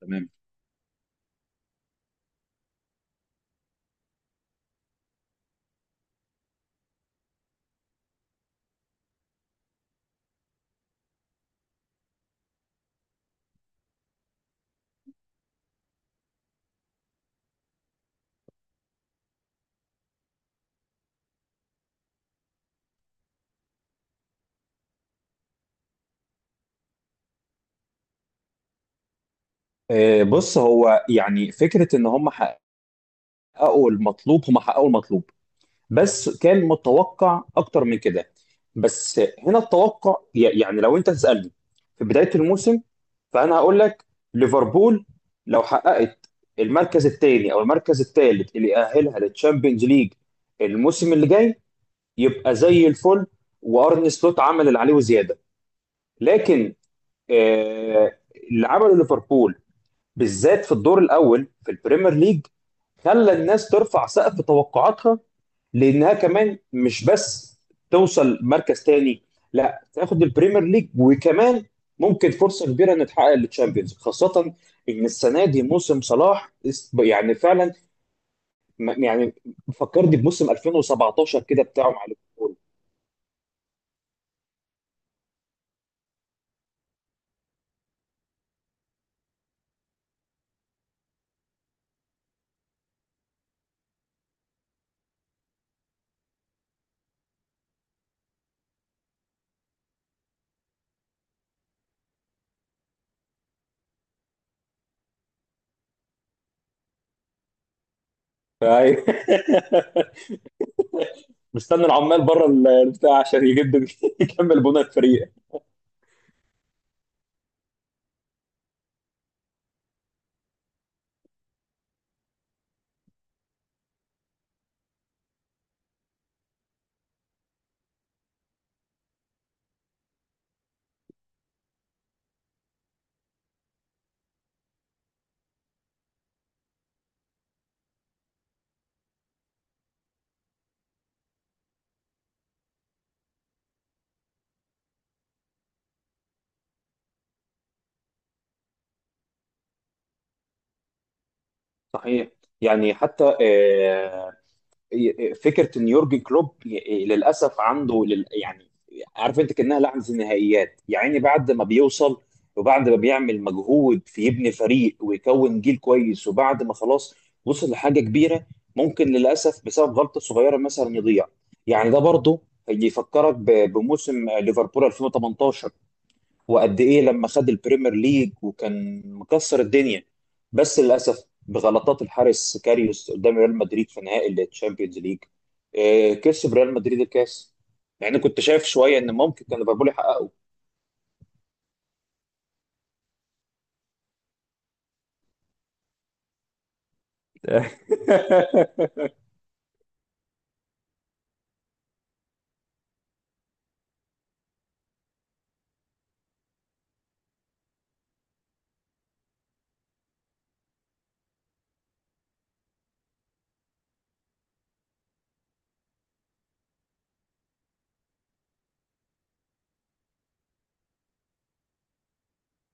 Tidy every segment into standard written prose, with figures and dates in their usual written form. تمام. بص، هو يعني فكرة ان هم حققوا المطلوب. هم حققوا المطلوب، بس كان متوقع اكتر من كده. بس هنا التوقع يعني لو انت تسألني في بداية الموسم، فانا هقول لك ليفربول لو حققت المركز الثاني او المركز الثالث اللي يأهلها للتشامبيونز ليج الموسم اللي جاي، يبقى زي الفل. وارن سلوت عمل اللي عليه وزيادة. لكن آه، اللي عمله ليفربول بالذات في الدور الاول في البريمير ليج خلى الناس ترفع سقف توقعاتها، لانها كمان مش بس توصل مركز تاني، لا تاخد البريمير ليج وكمان ممكن فرصه كبيره ان تحقق التشامبيونز، خاصه ان السنه دي موسم صلاح يعني فعلا يعني فكرني بموسم 2017 كده بتاعه مع. أيوة. مستني العمال بره البتاع عشان يجدد يكمل بناء الفريق. صحيح. يعني حتى إيه، إيه، فكره ان يورجن كلوب ي- إيه، للاسف عنده يعني عارف انت كانها لعنه النهائيات. يعني بعد ما بيوصل وبعد ما بيعمل مجهود في يبني فريق ويكون جيل كويس وبعد ما خلاص وصل لحاجه كبيره، ممكن للاسف بسبب غلطه صغيره مثلا يضيع. يعني ده برضه هيفكرك بموسم ليفربول 2018، وقد ايه لما خد البريمير ليج وكان مكسر الدنيا، بس للاسف بغلطات الحارس كاريوس قدام ريال مدريد في نهائي التشامبيونز ليج، كسب ريال مدريد الكاس. يعني كنت شايف شويه ان ممكن كان ليفربول يحققه.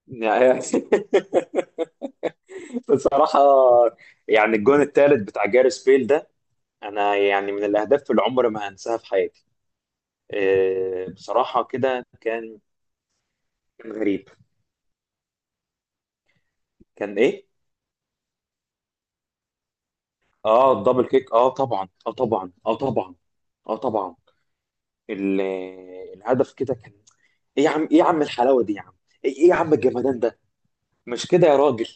يعني بصراحه، يعني الجون الثالث بتاع جاريس بيل ده، انا يعني من الاهداف اللي عمري ما هنساها في حياتي. بصراحه كده كان. كان غريب. كان ايه. اه، الدبل كيك. اه طبعا، اه طبعا، اه طبعا. اه طبعا. ال- الهدف كده كان ايه يا عم، ايه يا عم الحلاوه دي يا عم، ايه إيه يا عم الجمدان ده. مش كده يا راجل؟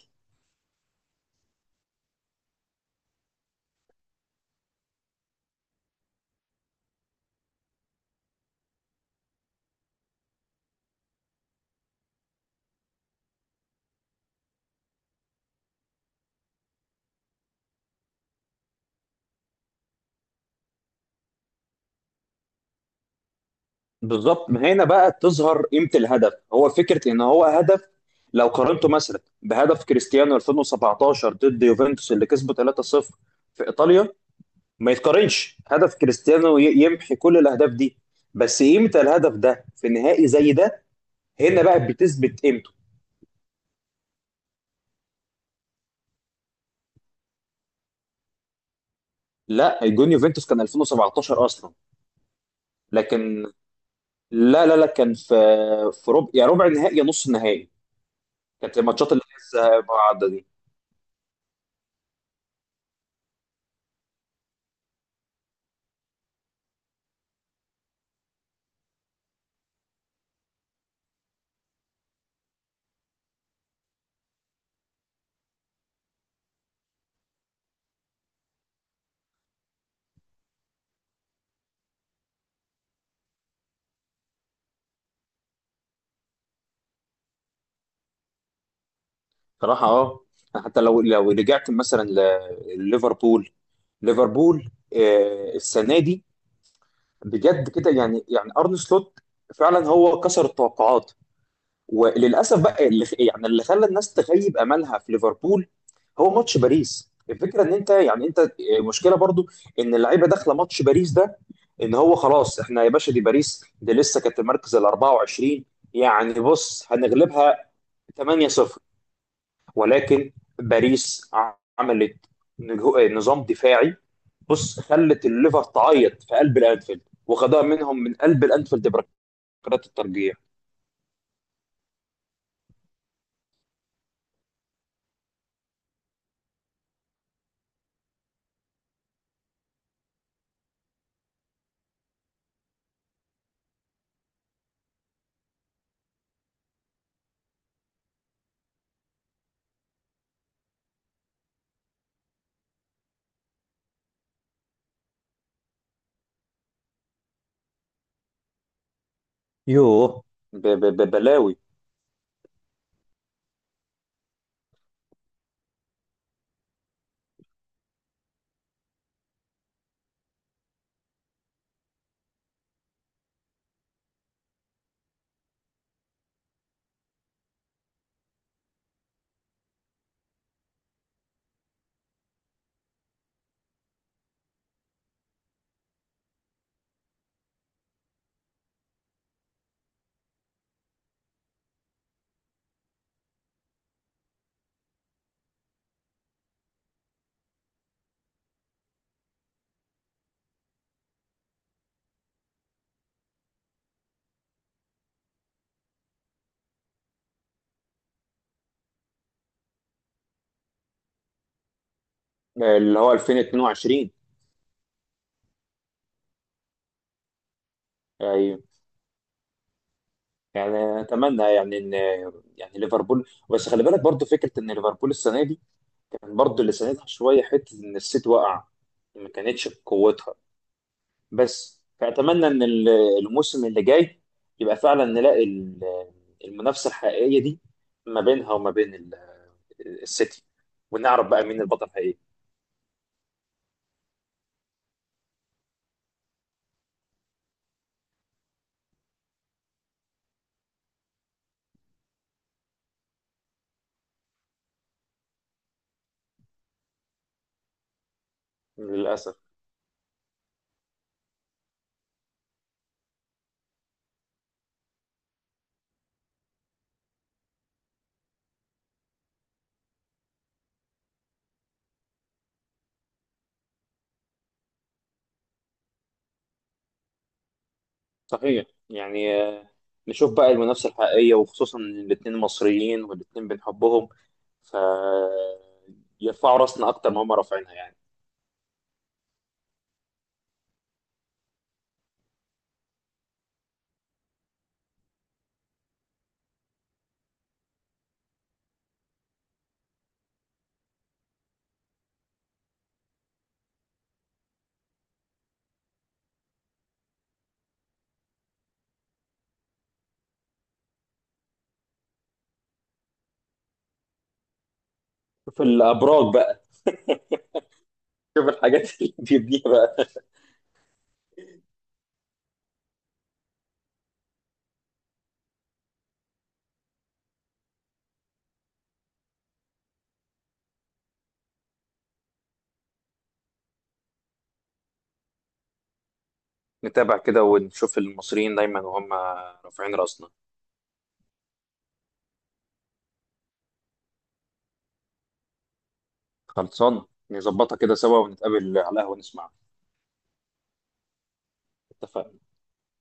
بالظبط. ما هنا بقى تظهر قيمه الهدف. هو فكره ان هو هدف لو قارنته مثلا بهدف كريستيانو 2017 ضد يوفنتوس اللي كسبه 3-0 في ايطاليا، ما يتقارنش. هدف كريستيانو يمحي كل الاهداف دي، بس قيمه الهدف ده في نهائي زي ده هنا بقى بتثبت قيمته. لا، جون يوفنتوس كان 2017 اصلا. لكن لا، لا، لا، كان في في ربع يا ربع نهائي يا نص نهائي. كانت الماتشات اللي لسه بعد دي. صراحه اه، حتى لو لو رجعت مثلا لليفربول. ليفربول السنه دي بجد كده، يعني يعني ارن سلوت فعلا هو كسر التوقعات. وللاسف بقى اللي يعني اللي خلى الناس تخيب املها في ليفربول هو ماتش باريس. الفكره ان انت يعني انت مشكله برضو ان اللعيبه داخله ماتش باريس ده ان هو خلاص احنا يا باشا دي، باريس دي لسه كانت المركز ال 24، يعني بص هنغلبها 8-0. ولكن باريس عملت نظام دفاعي. بص، خلت الليفر تعيط في قلب الانفيلد وخدها منهم من قلب الانفيلد بركلات الترجيح. يوه، بلاوي. اللي هو 2022. ايوه. يعني اتمنى يعني ان يعني ليفربول، بس خلي بالك برضو فكره ان ليفربول السنه دي كان برضو اللي ساندها شويه حته ان السيتي وقع، ما كانتش بقوتها. بس فاتمنى ان الموسم اللي جاي يبقى فعلا نلاقي المنافسه الحقيقيه دي ما بينها وما بين السيتي، ونعرف بقى مين البطل الحقيقي. للاسف. صحيح. يعني نشوف بقى المنافسة الحقيقية، وخصوصا إن الاتنين مصريين والاتنين بنحبهم، ف يرفعوا راسنا أكتر ما هم رافعينها يعني. شوف الأبراج بقى، شوف الحاجات اللي بيبنيها بقى. نتابع كده ونشوف المصريين دايما وهم رافعين راسنا. خلصان. نظبطها كده سوا ونتقابل على القهوة نسمع. اتفقنا.